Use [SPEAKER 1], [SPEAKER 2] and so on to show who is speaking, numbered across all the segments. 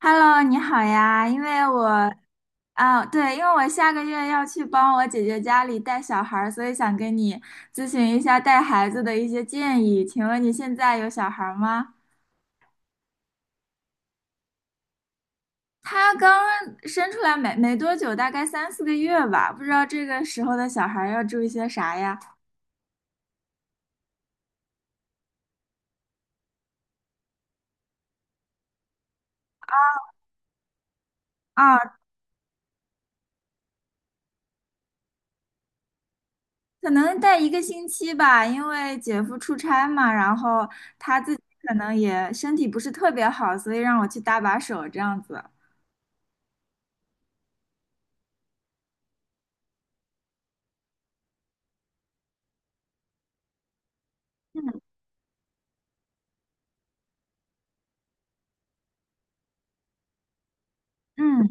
[SPEAKER 1] Hello，你好呀，因为我啊，对，因为我下个月要去帮我姐姐家里带小孩儿，所以想跟你咨询一下带孩子的一些建议。请问你现在有小孩儿吗？他刚生出来没多久，大概三四个月吧，不知道这个时候的小孩儿要注意些啥呀？啊，可能带一个星期吧，因为姐夫出差嘛，然后他自己可能也身体不是特别好，所以让我去搭把手这样子。嗯嗯，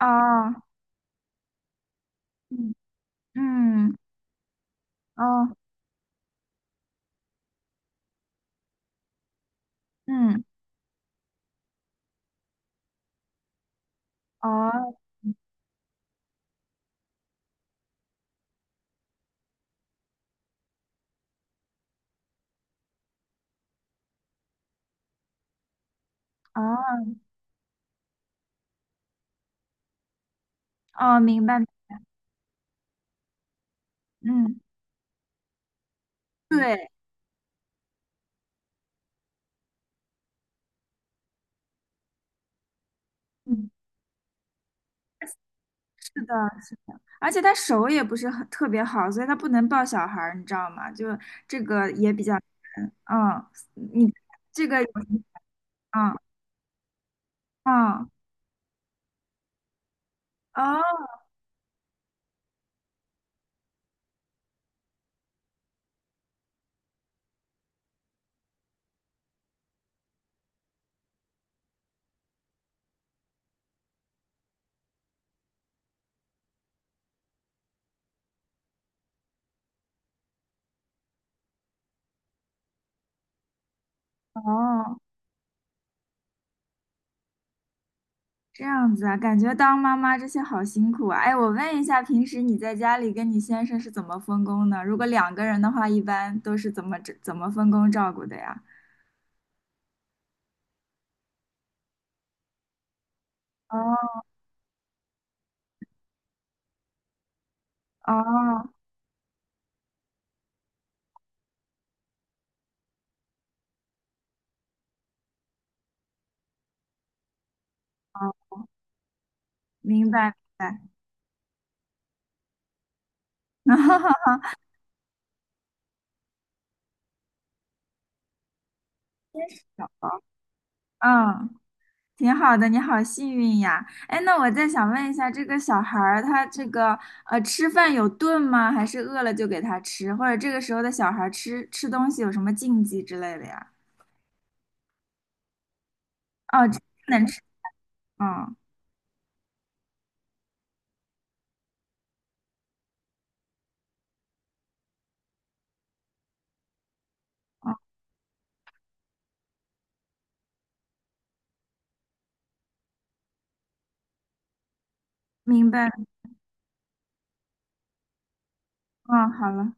[SPEAKER 1] 哦。嗯嗯，哦，嗯，哦，哦，哦，明白，嗯，对，嗯，是的，是的，而且他手也不是很特别好，所以他不能抱小孩儿，你知道吗？就这个也比较难，嗯，你这个有，嗯嗯，哦哦，这样子啊，感觉当妈妈这些好辛苦啊。哎，我问一下，平时你在家里跟你先生是怎么分工的？如果两个人的话，一般都是怎么分工照顾的呀？哦。哦，哦，明白明白，真是小宝，嗯，挺好的，你好幸运呀。哎，那我再想问一下，这个小孩儿他这个吃饭有顿吗？还是饿了就给他吃？或者这个时候的小孩儿吃东西有什么禁忌之类的呀？哦，只能吃，嗯哦，明白，嗯，好了，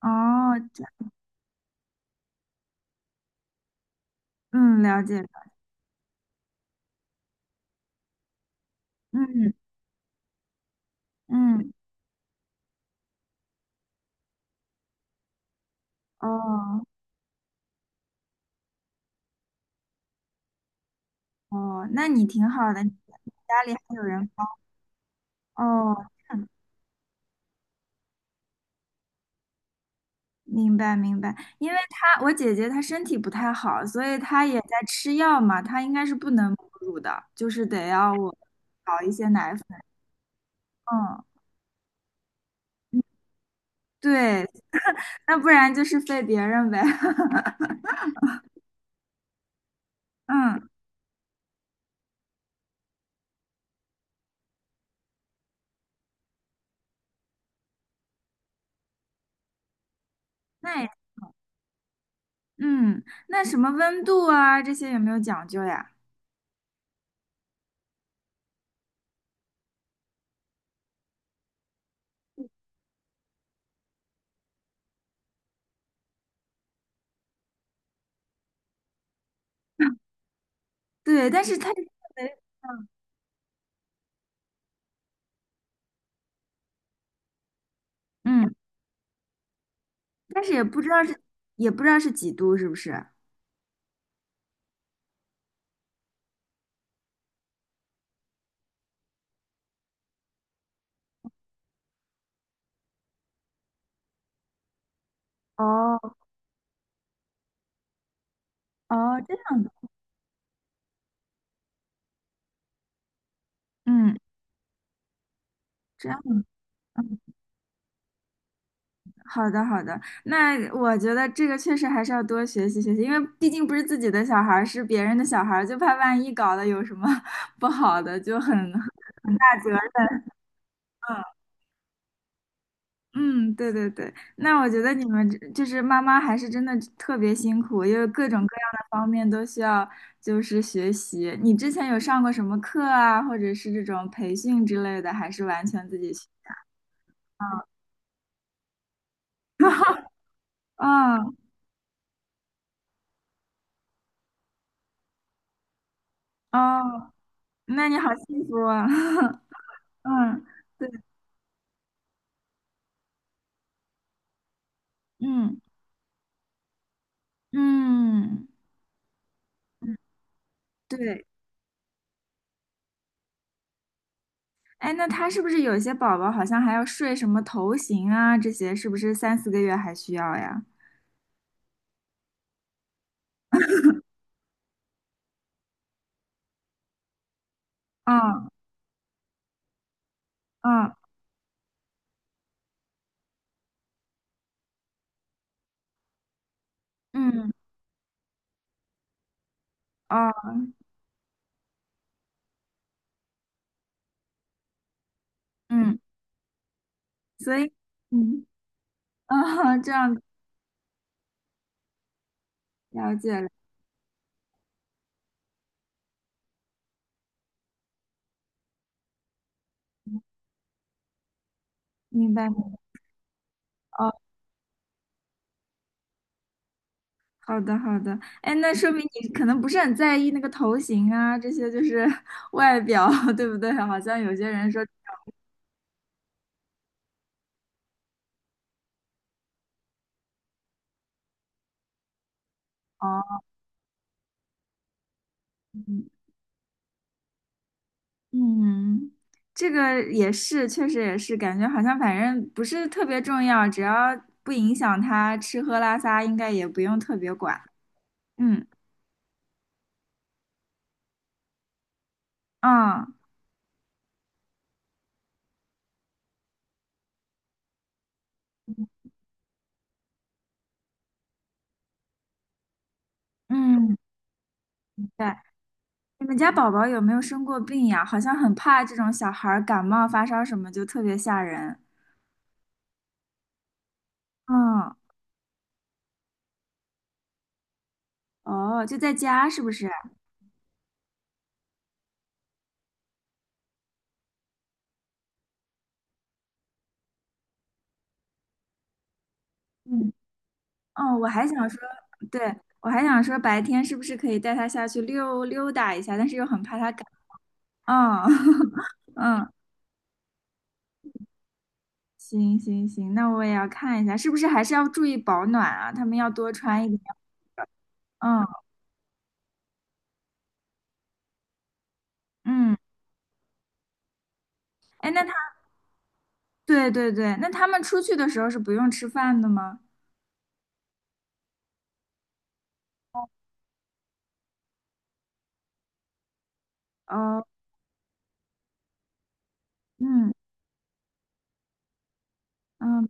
[SPEAKER 1] 哦，这嗯，了解了，嗯嗯，哦哦，那你挺好的，你家里还有人帮，哦。明白明白，因为我姐姐她身体不太好，所以她也在吃药嘛，她应该是不能母乳的，就是得要我搞一些奶粉。嗯，对，那不然就是费别人呗。嗯，那也嗯，那什么温度啊这些有没有讲究呀？对，但是嗯，嗯但是也不知道是几度是不是？哦哦，这样的，嗯，这样的。好的，好的，那我觉得这个确实还是要多学习学习，因为毕竟不是自己的小孩儿，是别人的小孩儿，就怕万一搞得有什么 不好的，就很大责任。嗯，对对对，那我觉得你们这就是妈妈还是真的特别辛苦，因为各种各样的方面都需要就是学习。你之前有上过什么课啊，或者是这种培训之类的，还是完全自己学？嗯，哦，那你好幸福啊！嗯，对，嗯。嗯，嗯对，哎，那他是不是有些宝宝好像还要睡什么头型啊？这些是不是三四个月还需要呀？嗯嗯嗯，哦，嗯，所以嗯啊，这样了解了，明白了，哦，好的好的，哎，那说明你可能不是很在意那个头型啊，这些就是 外表，对不对？好像有些人说哦。嗯嗯，这个也是，确实也是，感觉好像反正不是特别重要，只要不影响他吃喝拉撒，应该也不用特别管。嗯，啊，嗯，对，你们家宝宝有没有生过病呀？好像很怕这种小孩儿感冒发烧什么，就特别吓人。嗯，哦，就在家是不是？嗯，哦，我还想说，对，我还想说白天是不是可以带他下去溜溜达一下，但是又很怕他感，嗯，嗯。行行行，那我也要看一下，是不是还是要注意保暖啊？他们要多穿一点。嗯嗯，哎，对对对，那他们出去的时候是不用吃饭的吗？哦，嗯嗯，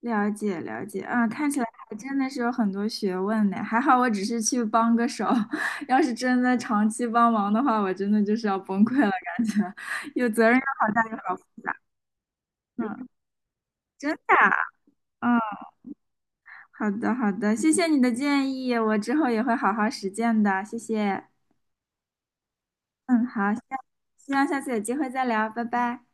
[SPEAKER 1] 了解了解，啊，看起来还真的是有很多学问呢。还好我只是去帮个手，要是真的长期帮忙的话，我真的就是要崩溃了，感觉 有责任又好大又好负嗯，真的啊嗯，好的好的，谢谢你的建议，我之后也会好好实践的，谢谢。嗯，好，希望下次有机会再聊，拜拜。